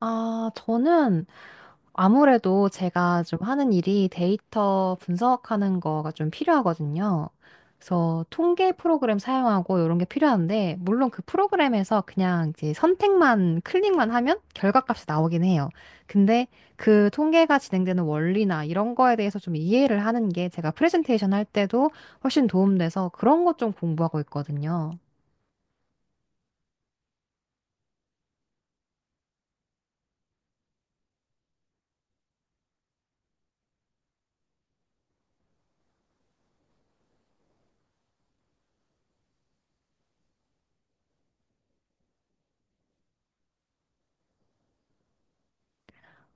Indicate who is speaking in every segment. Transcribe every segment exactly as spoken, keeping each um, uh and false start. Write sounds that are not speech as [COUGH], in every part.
Speaker 1: 아, 저는 아무래도 제가 좀 하는 일이 데이터 분석하는 거가 좀 필요하거든요. 그래서 통계 프로그램 사용하고 이런 게 필요한데, 물론 그 프로그램에서 그냥 이제 선택만, 클릭만 하면 결과값이 나오긴 해요. 근데 그 통계가 진행되는 원리나 이런 거에 대해서 좀 이해를 하는 게 제가 프레젠테이션 할 때도 훨씬 도움돼서 그런 것 좀 공부하고 있거든요.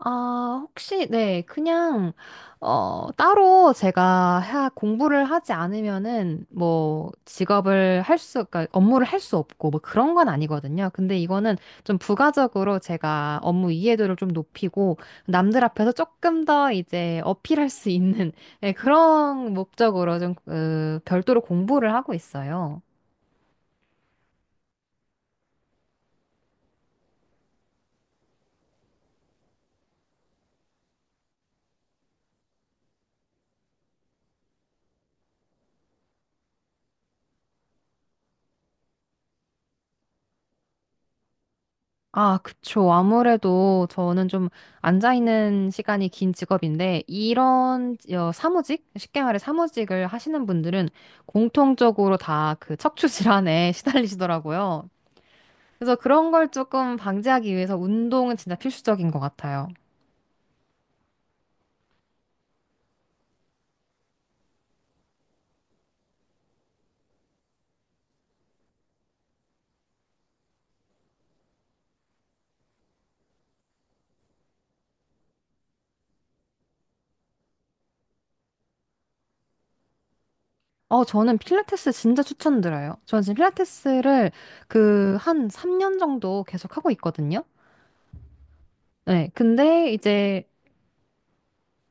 Speaker 1: 아, 혹시, 네, 그냥, 어, 따로 제가 하, 공부를 하지 않으면은, 뭐, 직업을 할 수, 그러니까 업무를 할 수 없고, 뭐 그런 건 아니거든요. 근데 이거는 좀 부가적으로 제가 업무 이해도를 좀 높이고, 남들 앞에서 조금 더 이제 어필할 수 있는, 예, 그런 목적으로 좀, 그, 별도로 공부를 하고 있어요. 아, 그쵸. 아무래도 저는 좀 앉아있는 시간이 긴 직업인데, 이런 어, 사무직? 쉽게 말해 사무직을 하시는 분들은 공통적으로 다 그 척추 질환에 [LAUGHS] 시달리시더라고요. 그래서 그런 걸 조금 방지하기 위해서 운동은 진짜 필수적인 것 같아요. 어, 저는 필라테스 진짜 추천드려요. 저는 지금 필라테스를 그 한 삼 년 정도 계속 하고 있거든요. 네, 근데 이제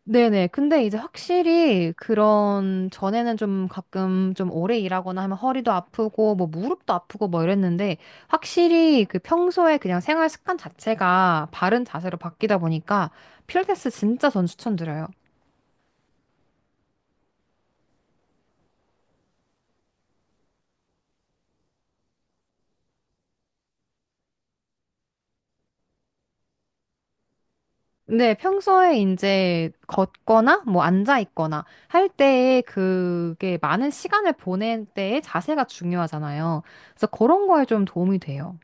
Speaker 1: 네네. 근데 이제 확실히 그런 전에는 좀 가끔 좀 오래 일하거나 하면 허리도 아프고 뭐 무릎도 아프고 뭐 이랬는데 확실히 그 평소에 그냥 생활 습관 자체가 바른 자세로 바뀌다 보니까 필라테스 진짜 전 추천드려요. 근데 평소에 이제 걷거나 뭐 앉아 있거나 할 때에 그게 많은 시간을 보낼 때의 자세가 중요하잖아요. 그래서 그런 거에 좀 도움이 돼요.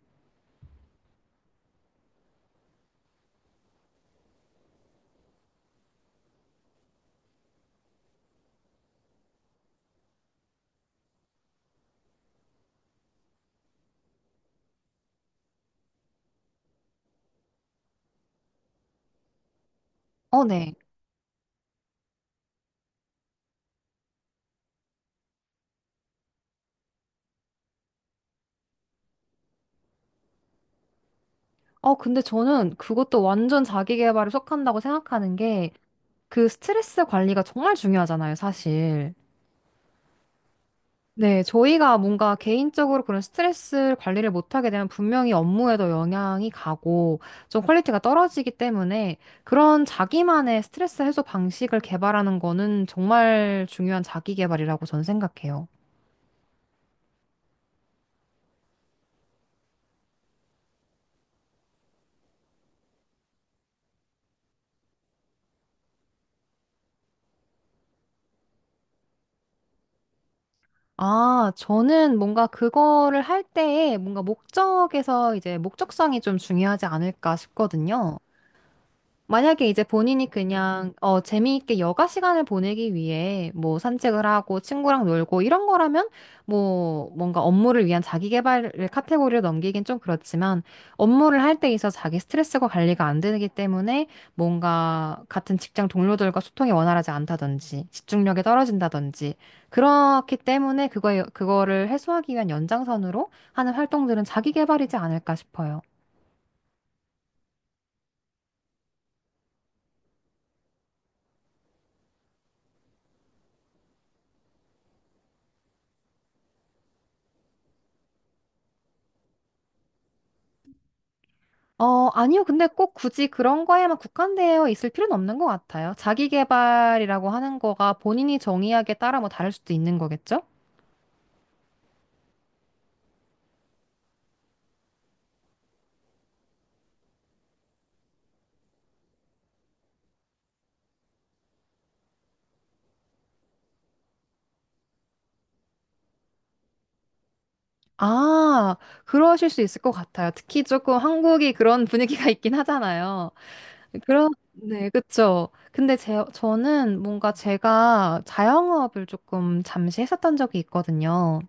Speaker 1: 어, 네. 어, 근데 저는 그것도 완전 자기 개발에 속한다고 생각하는 게 그 스트레스 관리가 정말 중요하잖아요, 사실. 네, 저희가 뭔가 개인적으로 그런 스트레스 관리를 못하게 되면 분명히 업무에도 영향이 가고 좀 퀄리티가 떨어지기 때문에 그런 자기만의 스트레스 해소 방식을 개발하는 거는 정말 중요한 자기 개발이라고 저는 생각해요. 아, 저는 뭔가 그거를 할 때에 뭔가 목적에서 이제 목적성이 좀 중요하지 않을까 싶거든요. 만약에 이제 본인이 그냥 어, 재미있게 여가 시간을 보내기 위해 뭐 산책을 하고 친구랑 놀고 이런 거라면 뭐 뭔가 업무를 위한 자기 개발을 카테고리로 넘기긴 좀 그렇지만 업무를 할 때 있어 자기 스트레스가 관리가 안 되기 때문에 뭔가 같은 직장 동료들과 소통이 원활하지 않다든지 집중력이 떨어진다든지 그렇기 때문에 그거에 그거를 해소하기 위한 연장선으로 하는 활동들은 자기 개발이지 않을까 싶어요. 어, 아니요. 근데 꼭 굳이 그런 거에만 국한되어 있을 필요는 없는 것 같아요. 자기 개발이라고 하는 거가 본인이 정의하기에 따라 뭐 다를 수도 있는 거겠죠? 아, 그러실 수 있을 것 같아요. 특히 조금 한국이 그런 분위기가 [LAUGHS] 있긴 하잖아요. 그런, 네, 그쵸. 근데 제, 저는 뭔가 제가 자영업을 조금 잠시 했었던 적이 있거든요.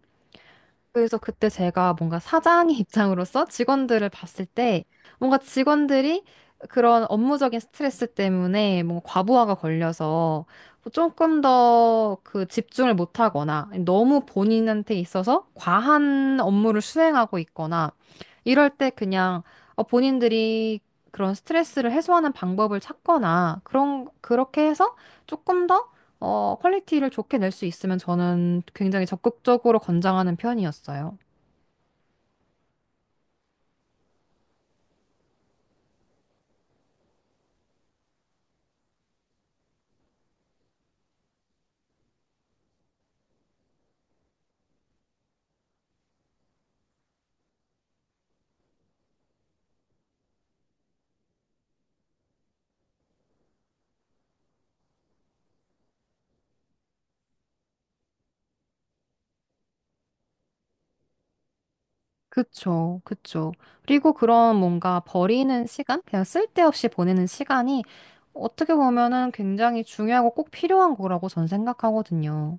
Speaker 1: 그래서 그때 제가 뭔가 사장의 [LAUGHS] 입장으로서 직원들을 봤을 때 뭔가 직원들이 그런 업무적인 스트레스 때문에 뭔가 과부하가 걸려서 조금 더 그 집중을 못하거나 너무 본인한테 있어서 과한 업무를 수행하고 있거나 이럴 때 그냥 어, 본인들이 그런 스트레스를 해소하는 방법을 찾거나 그런 그렇게 해서 조금 더 어, 퀄리티를 좋게 낼 수 있으면 저는 굉장히 적극적으로 권장하는 편이었어요. 그쵸, 그쵸. 그리고 그런 뭔가 버리는 시간? 그냥 쓸데없이 보내는 시간이 어떻게 보면은 굉장히 중요하고 꼭 필요한 거라고 전 생각하거든요.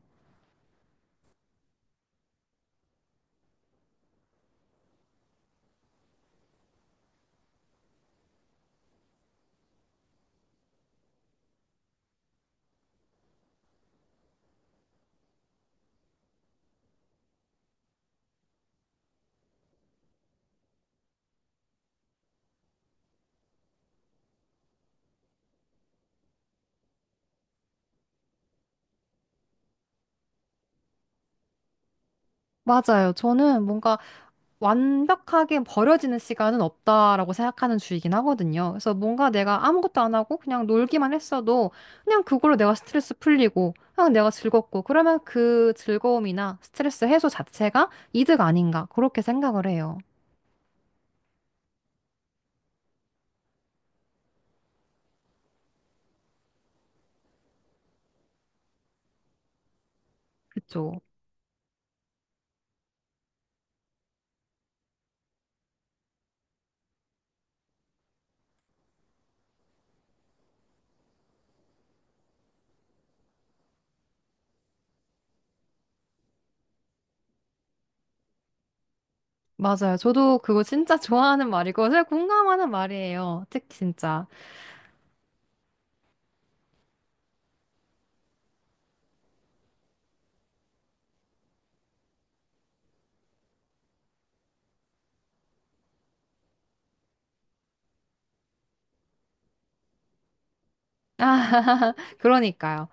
Speaker 1: 맞아요. 저는 뭔가 완벽하게 버려지는 시간은 없다라고 생각하는 주의긴 하거든요. 그래서 뭔가 내가 아무것도 안 하고 그냥 놀기만 했어도 그냥 그걸로 내가 스트레스 풀리고 그냥 내가 즐겁고 그러면 그 즐거움이나 스트레스 해소 자체가 이득 아닌가 그렇게 생각을 해요. 그쵸? 맞아요. 저도 그거 진짜 [LAUGHS] 좋아하는 말이고 제가 공감하는 말이에요. 특히 진짜. 그러니까요.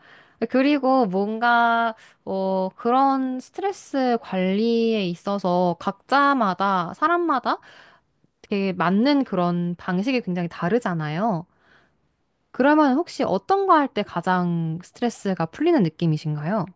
Speaker 1: 그리고 뭔가 어, 그런 스트레스 관리에 있어서 각자마다, 사람마다 되게 맞는 그런 방식이 굉장히 다르잖아요. 그러면 혹시 어떤 거 할 때 가장 스트레스가 풀리는 느낌이신가요?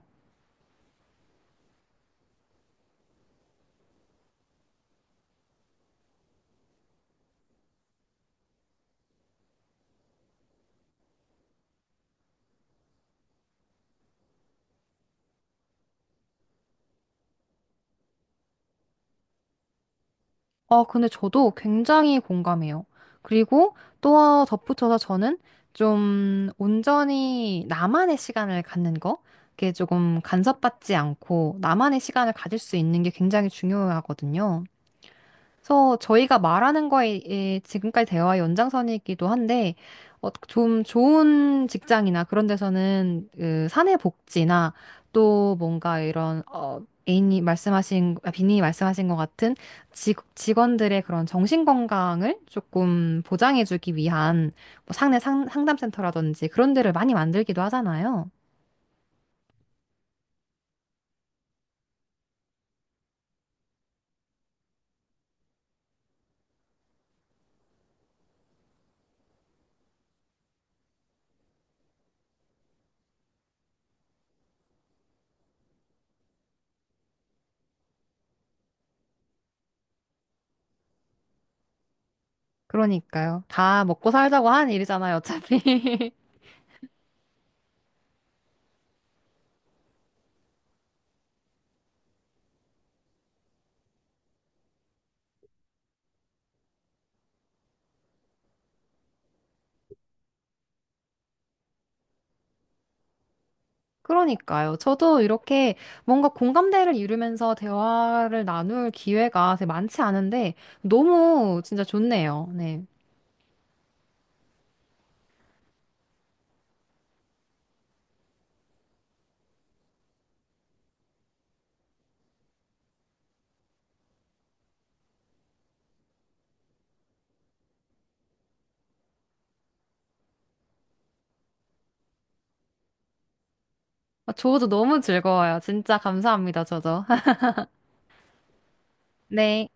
Speaker 1: 아, 근데 저도 굉장히 공감해요. 그리고 또 덧붙여서 저는 좀 온전히 나만의 시간을 갖는 거, 그게 조금 간섭받지 않고 나만의 시간을 가질 수 있는 게 굉장히 중요하거든요. 그래서 저희가 말하는 거에 에, 지금까지 대화의 연장선이기도 한데, 어, 좀 좋은 직장이나 그런 데서는 그 사내 복지나 또 뭔가 이런, 어, 에이님이 말씀하신, 아, 비님이 말씀하신 것 같은 직, 직원들의 그런 정신 건강을 조금 보장해주기 위한 뭐 상내 상, 상담센터라든지 그런 데를 많이 만들기도 하잖아요. 그러니까요. 다 먹고 살자고 하는 일이잖아요, 어차피. 그러니까요. 저도 이렇게 뭔가 공감대를 이루면서 대화를 나눌 기회가 되게 많지 않은데 너무 진짜 좋네요. 네. 아, 저도 너무 즐거워요. 진짜 감사합니다. 저도. [LAUGHS] 네.